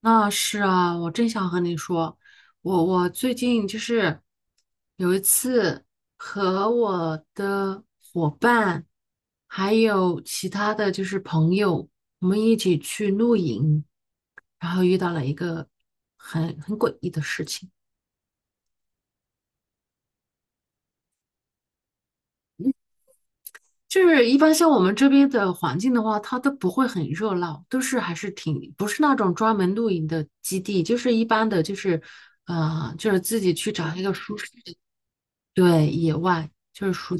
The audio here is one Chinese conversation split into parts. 那是啊，我正想和你说，我最近就是有一次和我的伙伴，还有其他的就是朋友，我们一起去露营，然后遇到了一个很诡异的事情。就是一般像我们这边的环境的话，它都不会很热闹，都是还是挺不是那种专门露营的基地，就是一般的，就是就是自己去找一个舒适的，对，野外就是舒，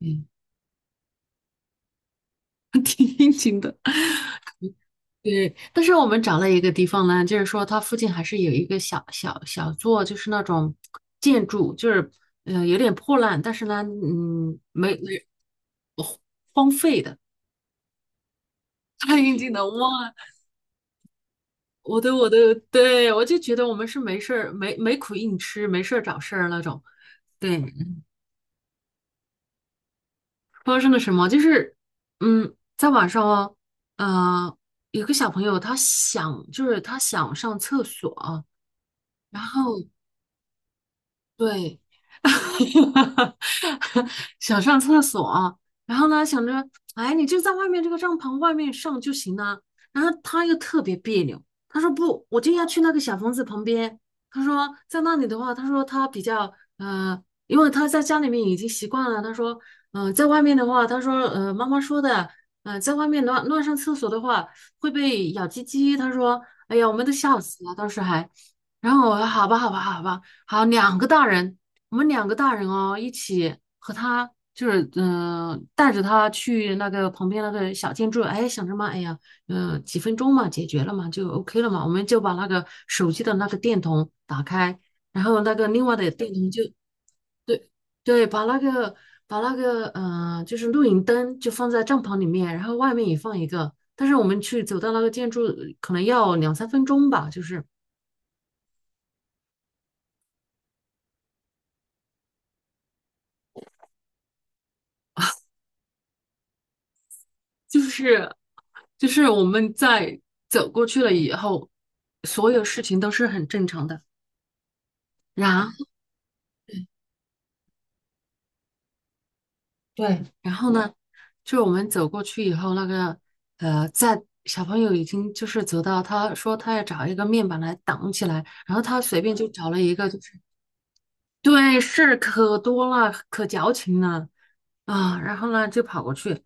嗯，挺应景的。对，但是我们找了一个地方呢，就是说它附近还是有一个小座，就是那种建筑，就是有点破烂，但是呢，没呃荒废的，太应景的哇，我的，对，我就觉得我们是没事儿没苦硬吃，没事儿找事儿那种。对，发生了什么？就是在晚上哦，呃，有个小朋友他想就是他想上厕所，然后对，想上厕所，然后呢，想着，哎，你就在外面这个帐篷外面上就行了。然后他又特别别扭，他说不，我就要去那个小房子旁边。他说在那里的话，他说他比较因为他在家里面已经习惯了。他说，在外面的话，他说，妈妈说的，在外面乱上厕所的话会被咬鸡鸡。他说，哎呀，我们都笑死了，当时还。然后我说好吧，好吧，好吧。好，两个大人，我们两个大人哦，一起和他就是带着他去那个旁边那个小建筑，哎，想着嘛，哎呀，几分钟嘛，解决了嘛，就 OK 了嘛，我们就把那个手机的那个电筒打开，然后那个另外的电筒就对对，把那个就是露营灯就放在帐篷里面，然后外面也放一个，但是我们去走到那个建筑可能要2、3分钟吧，就是。就是就是我们在走过去了以后，所有事情都是很正常的。然后对，然后呢，就我们走过去以后，那个在小朋友已经就是走到，他说他要找一个面板来挡起来，然后他随便就找了一个，就是对，事儿可多了，可矫情了。啊，然后呢就跑过去，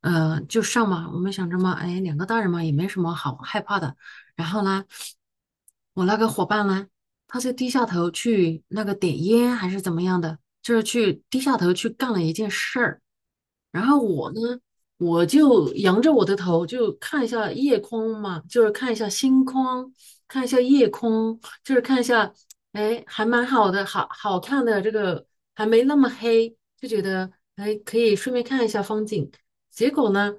就上嘛。我们想着嘛，哎，两个大人嘛，也没什么好害怕的。然后呢，我那个伙伴呢，他就低下头去那个点烟还是怎么样的，就是去低下头去干了一件事儿。然后我呢，我就仰着我的头，就看一下夜空嘛，就是看一下星空，看一下夜空，就是看一下，哎，还蛮好的，好好看的这个还没那么黑，就觉得哎，可以顺便看一下风景。结果呢，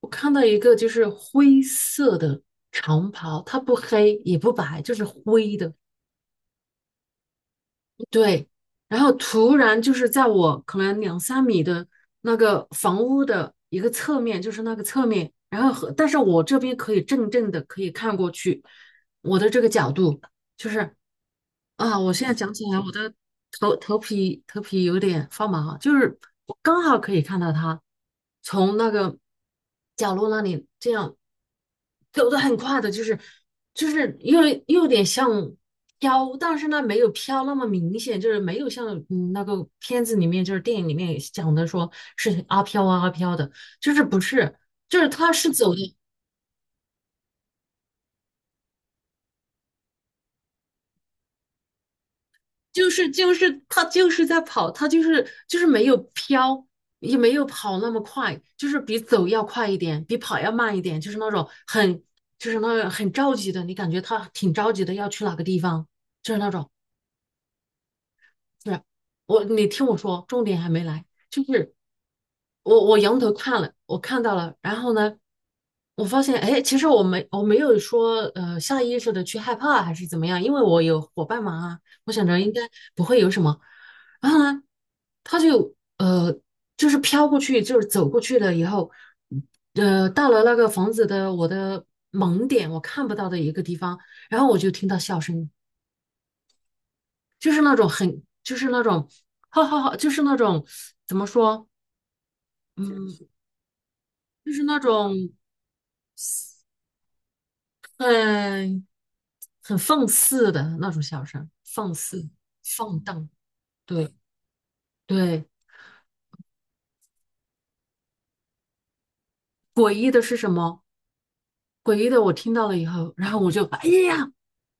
我看到一个就是灰色的长袍，它不黑也不白，就是灰的。对，然后突然就是在我可能2、3米的那个房屋的一个侧面，就是那个侧面，然后但是我这边可以正正的可以看过去，我的这个角度就是啊，我现在讲起来，我的头皮有点发麻啊，就是我刚好可以看到他从那个角落那里这样走得很快的，就是又有点像飘，但是呢没有飘那么明显，就是没有像那个片子里面就是电影里面讲的说是阿飘啊阿飘的，就是不是，就是他是走的。就是他就是在跑，他就是没有飘，也没有跑那么快，就是比走要快一点，比跑要慢一点，就是那种很就是那种很着急的，你感觉他挺着急的要去哪个地方，就是那种。对啊，你听我说，重点还没来，就是我仰头看了，我看到了，然后呢，我发现，哎，其实我没有说下意识的去害怕还是怎么样，因为我有伙伴嘛啊，我想着应该不会有什么。然后呢，他就就是飘过去，就是走过去了以后，到了那个房子的我的盲点，我看不到的一个地方，然后我就听到笑声，就是那种很就是那种哈哈哈，就是那种怎么说，嗯，就是那种。很很放肆的那种笑声，放肆、放荡，对对。诡异的是什么？诡异的我听到了以后，然后我就哎呀，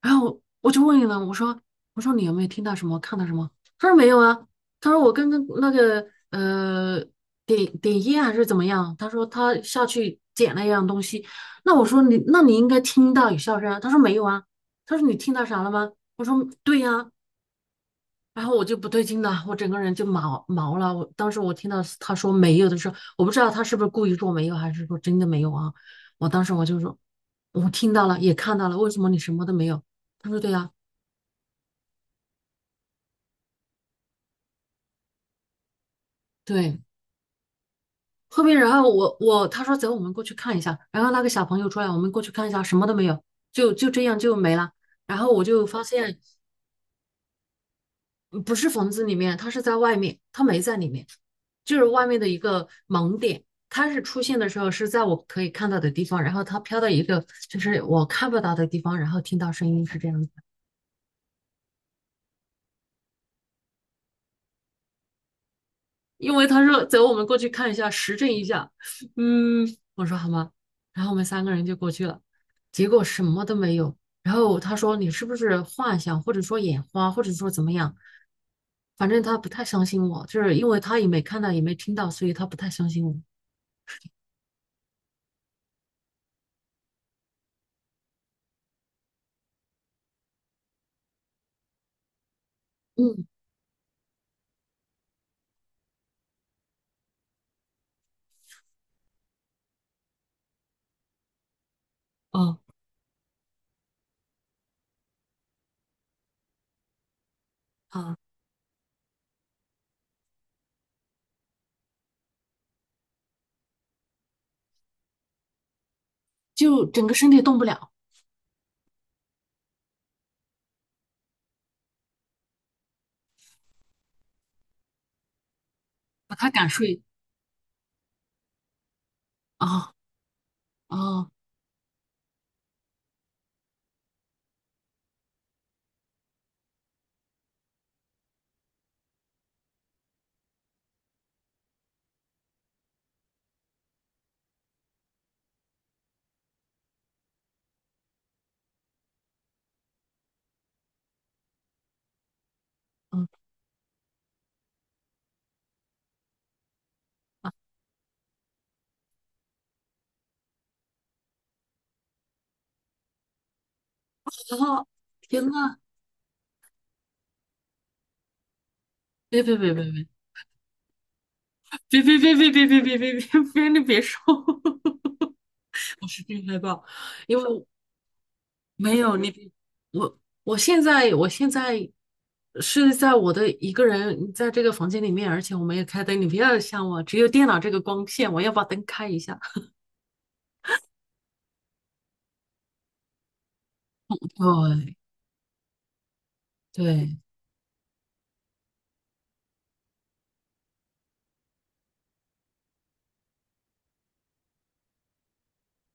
然后我就问了，我说你有没有听到什么，看到什么？他说没有啊，他说我刚刚那个点点烟还是怎么样？他说他下去捡了一样东西。那我说那你应该听到有笑声啊。他说没有啊。他说你听到啥了吗？我说对呀、然后我就不对劲了，我整个人就毛毛了。我当时我听到他说没有的时候，我不知道他是不是故意说没有，还是说真的没有啊？我当时我就说，我听到了，也看到了，为什么你什么都没有？他说对呀、对。后面然后他说走，我们过去看一下。然后那个小朋友出来，我们过去看一下，什么都没有，就这样就没了。然后我就发现不是房子里面，他是在外面，他没在里面，就是外面的一个盲点。它是出现的时候是在我可以看到的地方，然后它飘到一个就是我看不到的地方，然后听到声音是这样子。因为他说走，我们过去看一下，实证一下。嗯，我说好吗？然后我们三个人就过去了，结果什么都没有。然后他说你是不是幻想，或者说眼花，或者说怎么样？反正他不太相信我，就是因为他也没看到，也没听到，所以他不太相信我。嗯，哦啊，就整个身体动不了，把他赶睡啊啊嗯，啊！天呐，别别别别别别别别别别别别别别别你别说，我是真害怕，因为我没有你别我现在是在我的一个人在这个房间里面，而且我没有开灯，你不要像我，只有电脑这个光线，我要把灯开一下。对对，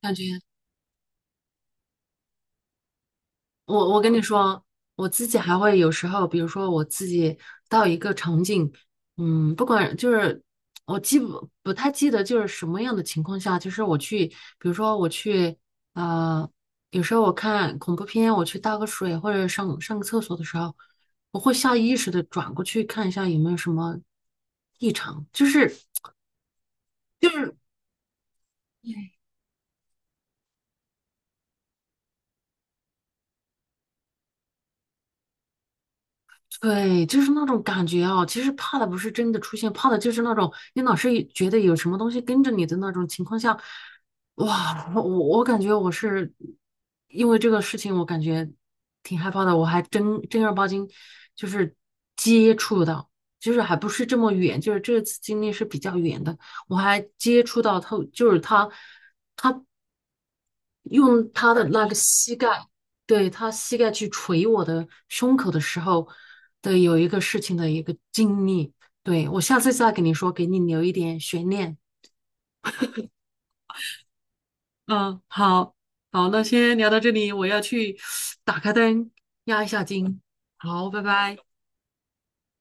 感觉。我跟你说，我自己还会有时候，比如说我自己到一个场景，不管就是我记不太记得就是什么样的情况下，就是我去，比如说我去，呃，有时候我看恐怖片，我去倒个水或者上上个厕所的时候，我会下意识的转过去看一下有没有什么异常，就是。对，就是那种感觉啊。其实怕的不是真的出现，怕的就是那种你老是觉得有什么东西跟着你的那种情况下，哇，我感觉我是因为这个事情，我感觉挺害怕的。我还真正儿八经就是接触到，就是还不是这么远，就是这次经历是比较远的，我还接触到他，就是他。用他的那个膝盖，对，他膝盖去捶我的胸口的时候的有一个事情的一个经历，对，我下次再跟你说，给你留一点悬念。嗯，好，好，那先聊到这里，我要去 打开灯，压一下惊，好，拜拜。